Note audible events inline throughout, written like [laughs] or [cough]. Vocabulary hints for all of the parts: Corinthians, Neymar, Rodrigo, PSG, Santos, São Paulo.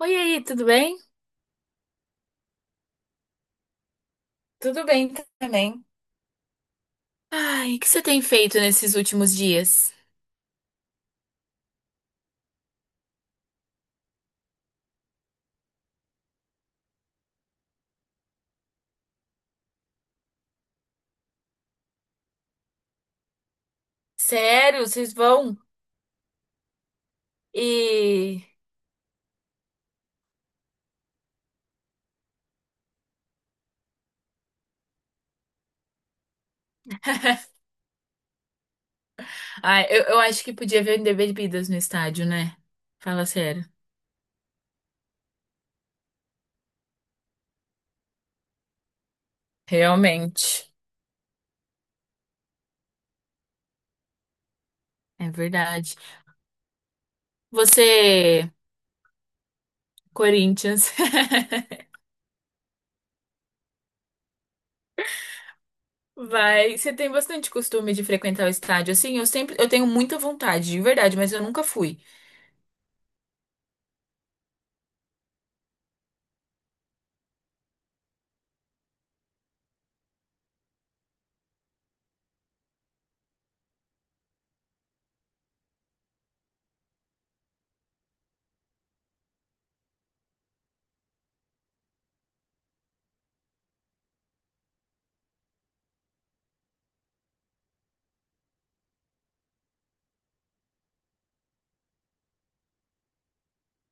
Oi, e aí, tudo bem? Tudo bem também. Ai, o que você tem feito nesses últimos dias? Sério, vocês vão? E [laughs] Ai, eu acho que podia ver o Bebidas no estádio, né? Fala sério. Realmente. É verdade. Você, Corinthians, [laughs] vai. Você tem bastante costume de frequentar o estádio, assim? Eu sempre, eu tenho muita vontade, de verdade, mas eu nunca fui.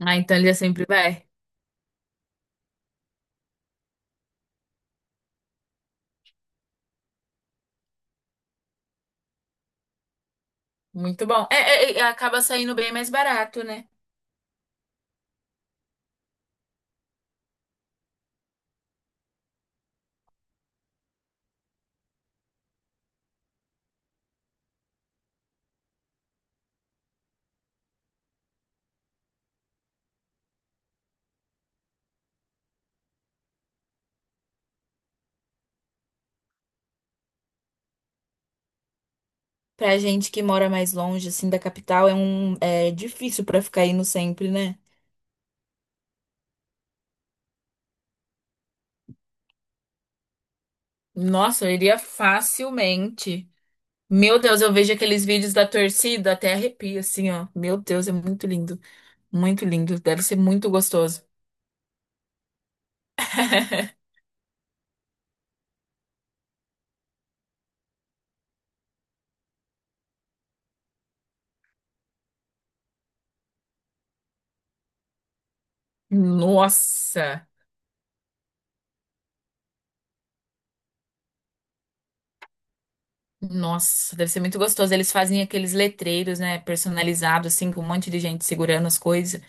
Ah, então ele é sempre vai. Muito bom. É, acaba saindo bem mais barato, né? Pra gente que mora mais longe, assim, da capital, é um é difícil pra ficar indo sempre, né? Nossa, eu iria facilmente. Meu Deus, eu vejo aqueles vídeos da torcida, até arrepio, assim, ó. Meu Deus, é muito lindo. Muito lindo. Deve ser muito gostoso. [laughs] Nossa! Nossa, deve ser muito gostoso. Eles fazem aqueles letreiros, né? Personalizados, assim, com um monte de gente segurando as coisas.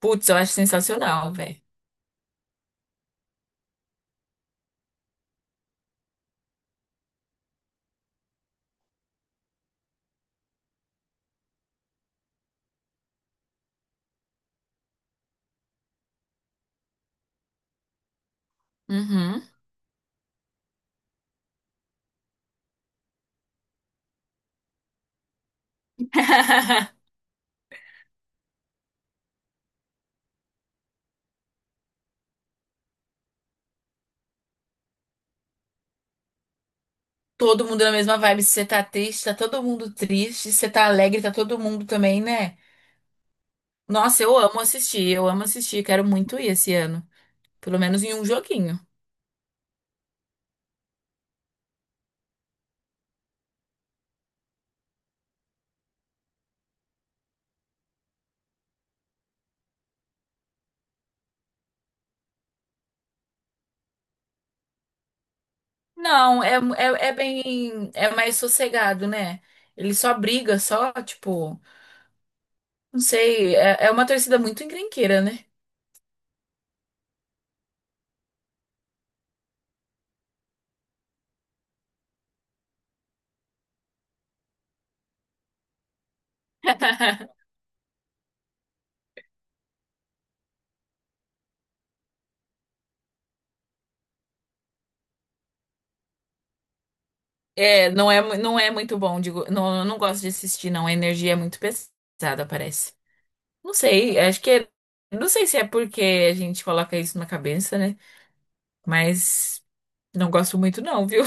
Putz, eu acho sensacional, velho. Uhum. [laughs] Todo mundo na mesma vibe. Se você tá triste, tá todo mundo triste. Se você tá alegre, tá todo mundo também, né? Nossa, eu amo assistir, eu amo assistir. Quero muito ir esse ano. Pelo menos em um joguinho. Não, é bem. É mais sossegado, né? Ele só briga, só, tipo. Não sei. É uma torcida muito encrenqueira, né? [laughs] É, não é, mu- não é muito bom. Digo, não, eu não gosto de assistir, não. A energia é muito pesada, parece. Não sei, acho que. É- Não sei se é porque a gente coloca isso na cabeça, né? Mas não gosto muito, não, viu?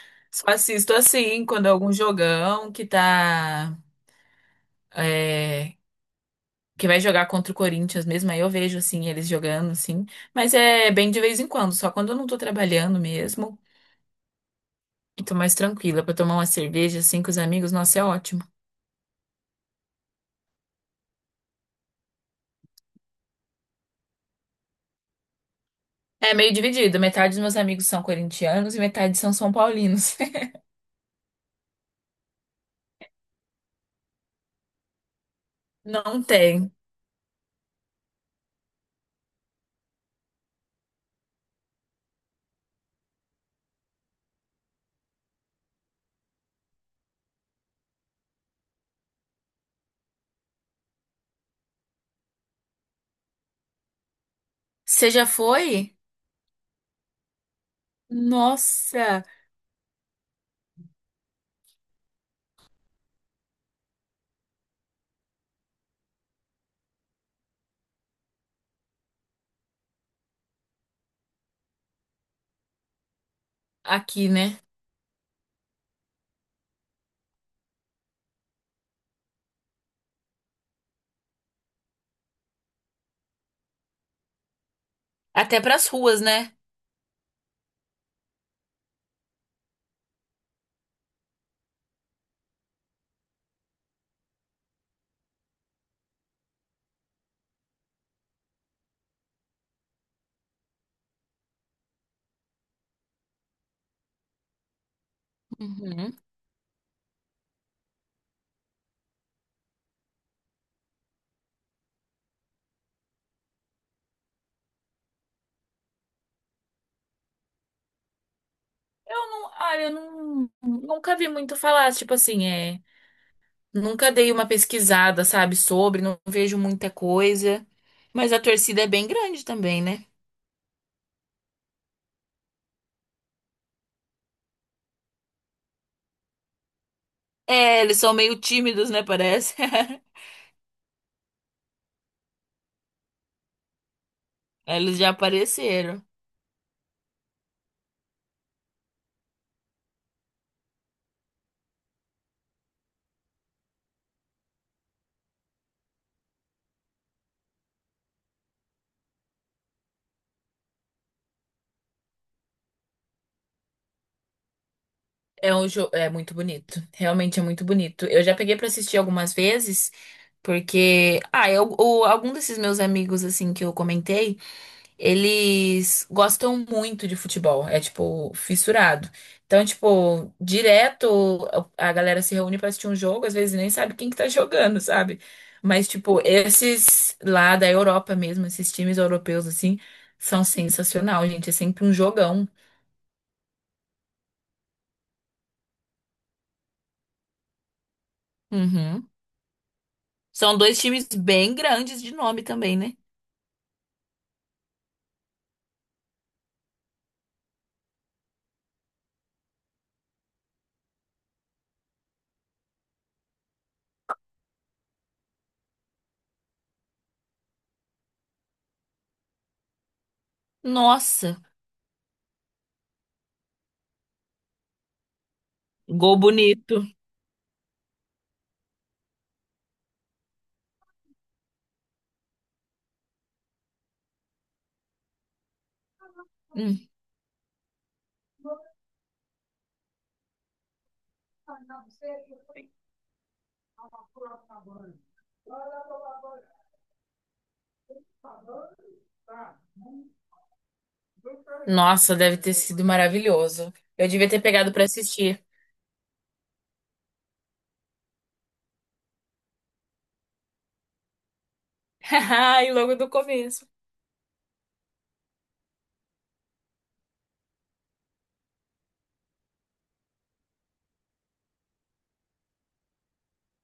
[laughs] Só assisto assim, quando é algum jogão que tá. é, que vai jogar contra o Corinthians mesmo, aí eu vejo assim, eles jogando, assim. Mas é bem de vez em quando, só quando eu não tô trabalhando mesmo. E tô mais tranquila pra tomar uma cerveja assim com os amigos, nossa, é ótimo. É meio dividido, metade dos meus amigos são corintianos e metade são são paulinos. [laughs] Não tem. Você já foi? Nossa, aqui, né? Até pras ruas, né? Uhum. Eu não, olha, eu não, nunca vi muito falar, tipo assim, é, nunca dei uma pesquisada, sabe, sobre, não vejo muita coisa, mas a torcida é bem grande também, né? É, eles são meio tímidos, né, parece. [laughs] Eles já apareceram. É um jogo, é muito bonito, realmente é muito bonito. Eu já peguei pra assistir algumas vezes, porque, ah, eu, o- algum desses meus amigos, assim, que eu comentei, eles gostam muito de futebol, é tipo fissurado. Então, tipo, direto a galera se reúne pra assistir um jogo, às vezes nem sabe quem que tá jogando, sabe? Mas tipo, esses lá da Europa mesmo, esses times europeus assim, são sensacional, gente, é sempre um jogão. Uhum. São dois times bem grandes de nome também, né? Nossa, gol bonito. Hum. Nossa, deve ter sido maravilhoso. Eu devia ter pegado pra assistir. [laughs] E logo do começo.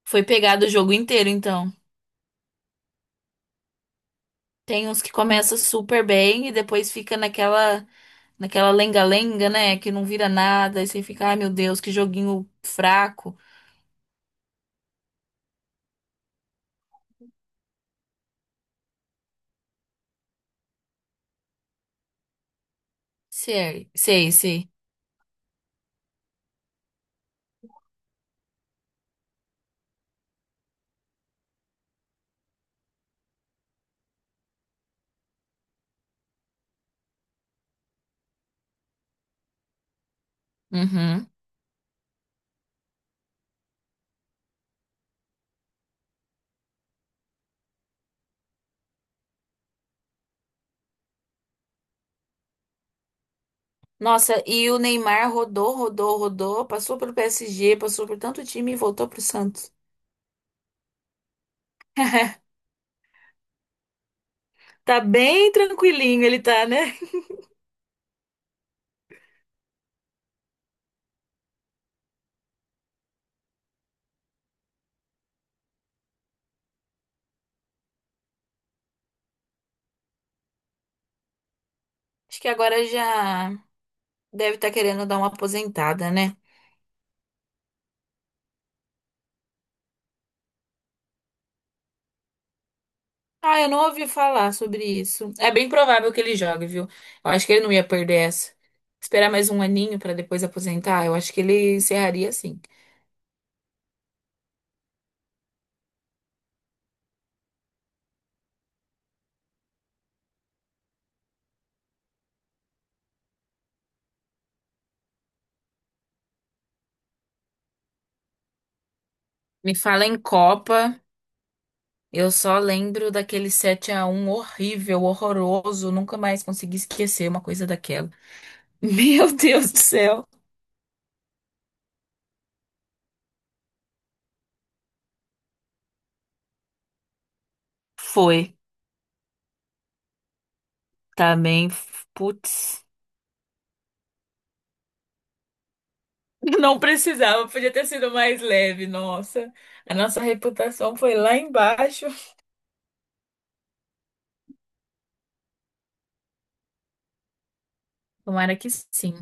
Foi pegado o jogo inteiro, então. Tem uns que começa super bem e depois fica naquela naquela lenga-lenga, né? Que não vira nada. E você fica, ai meu Deus, que joguinho fraco. Sei, sei, sei. Uhum. Nossa, e o Neymar rodou, rodou, rodou. Passou pelo PSG, passou por tanto time e voltou pro Santos. [laughs] Tá bem tranquilinho ele tá, né? Acho que agora já deve estar querendo dar uma aposentada, né? Ah, eu não ouvi falar sobre isso. É bem provável que ele jogue, viu? Eu acho que ele não ia perder essa. Esperar mais um aninho pra depois aposentar, eu acho que ele encerraria assim. Me fala em Copa, eu só lembro daquele 7 a um horrível, horroroso, nunca mais consegui esquecer uma coisa daquela. [laughs] Meu Deus do céu. Foi. Também, putz. [laughs] Não precisava, podia ter sido mais leve, nossa. A nossa reputação foi lá embaixo. Tomara que sim.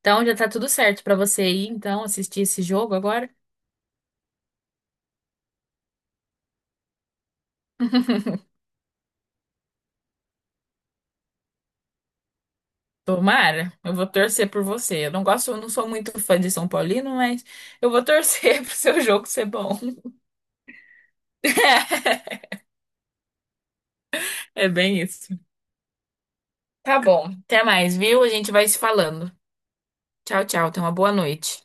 Então já tá tudo certo pra você ir, então, assistir esse jogo agora. [laughs] Tomara, eu vou torcer por você. Eu não gosto, eu não sou muito fã de São Paulino, mas eu vou torcer [laughs] pro seu jogo ser bom. [laughs] É bem isso. Tá bom. Até mais, viu? A gente vai se falando. Tchau, tchau. Tenha uma boa noite.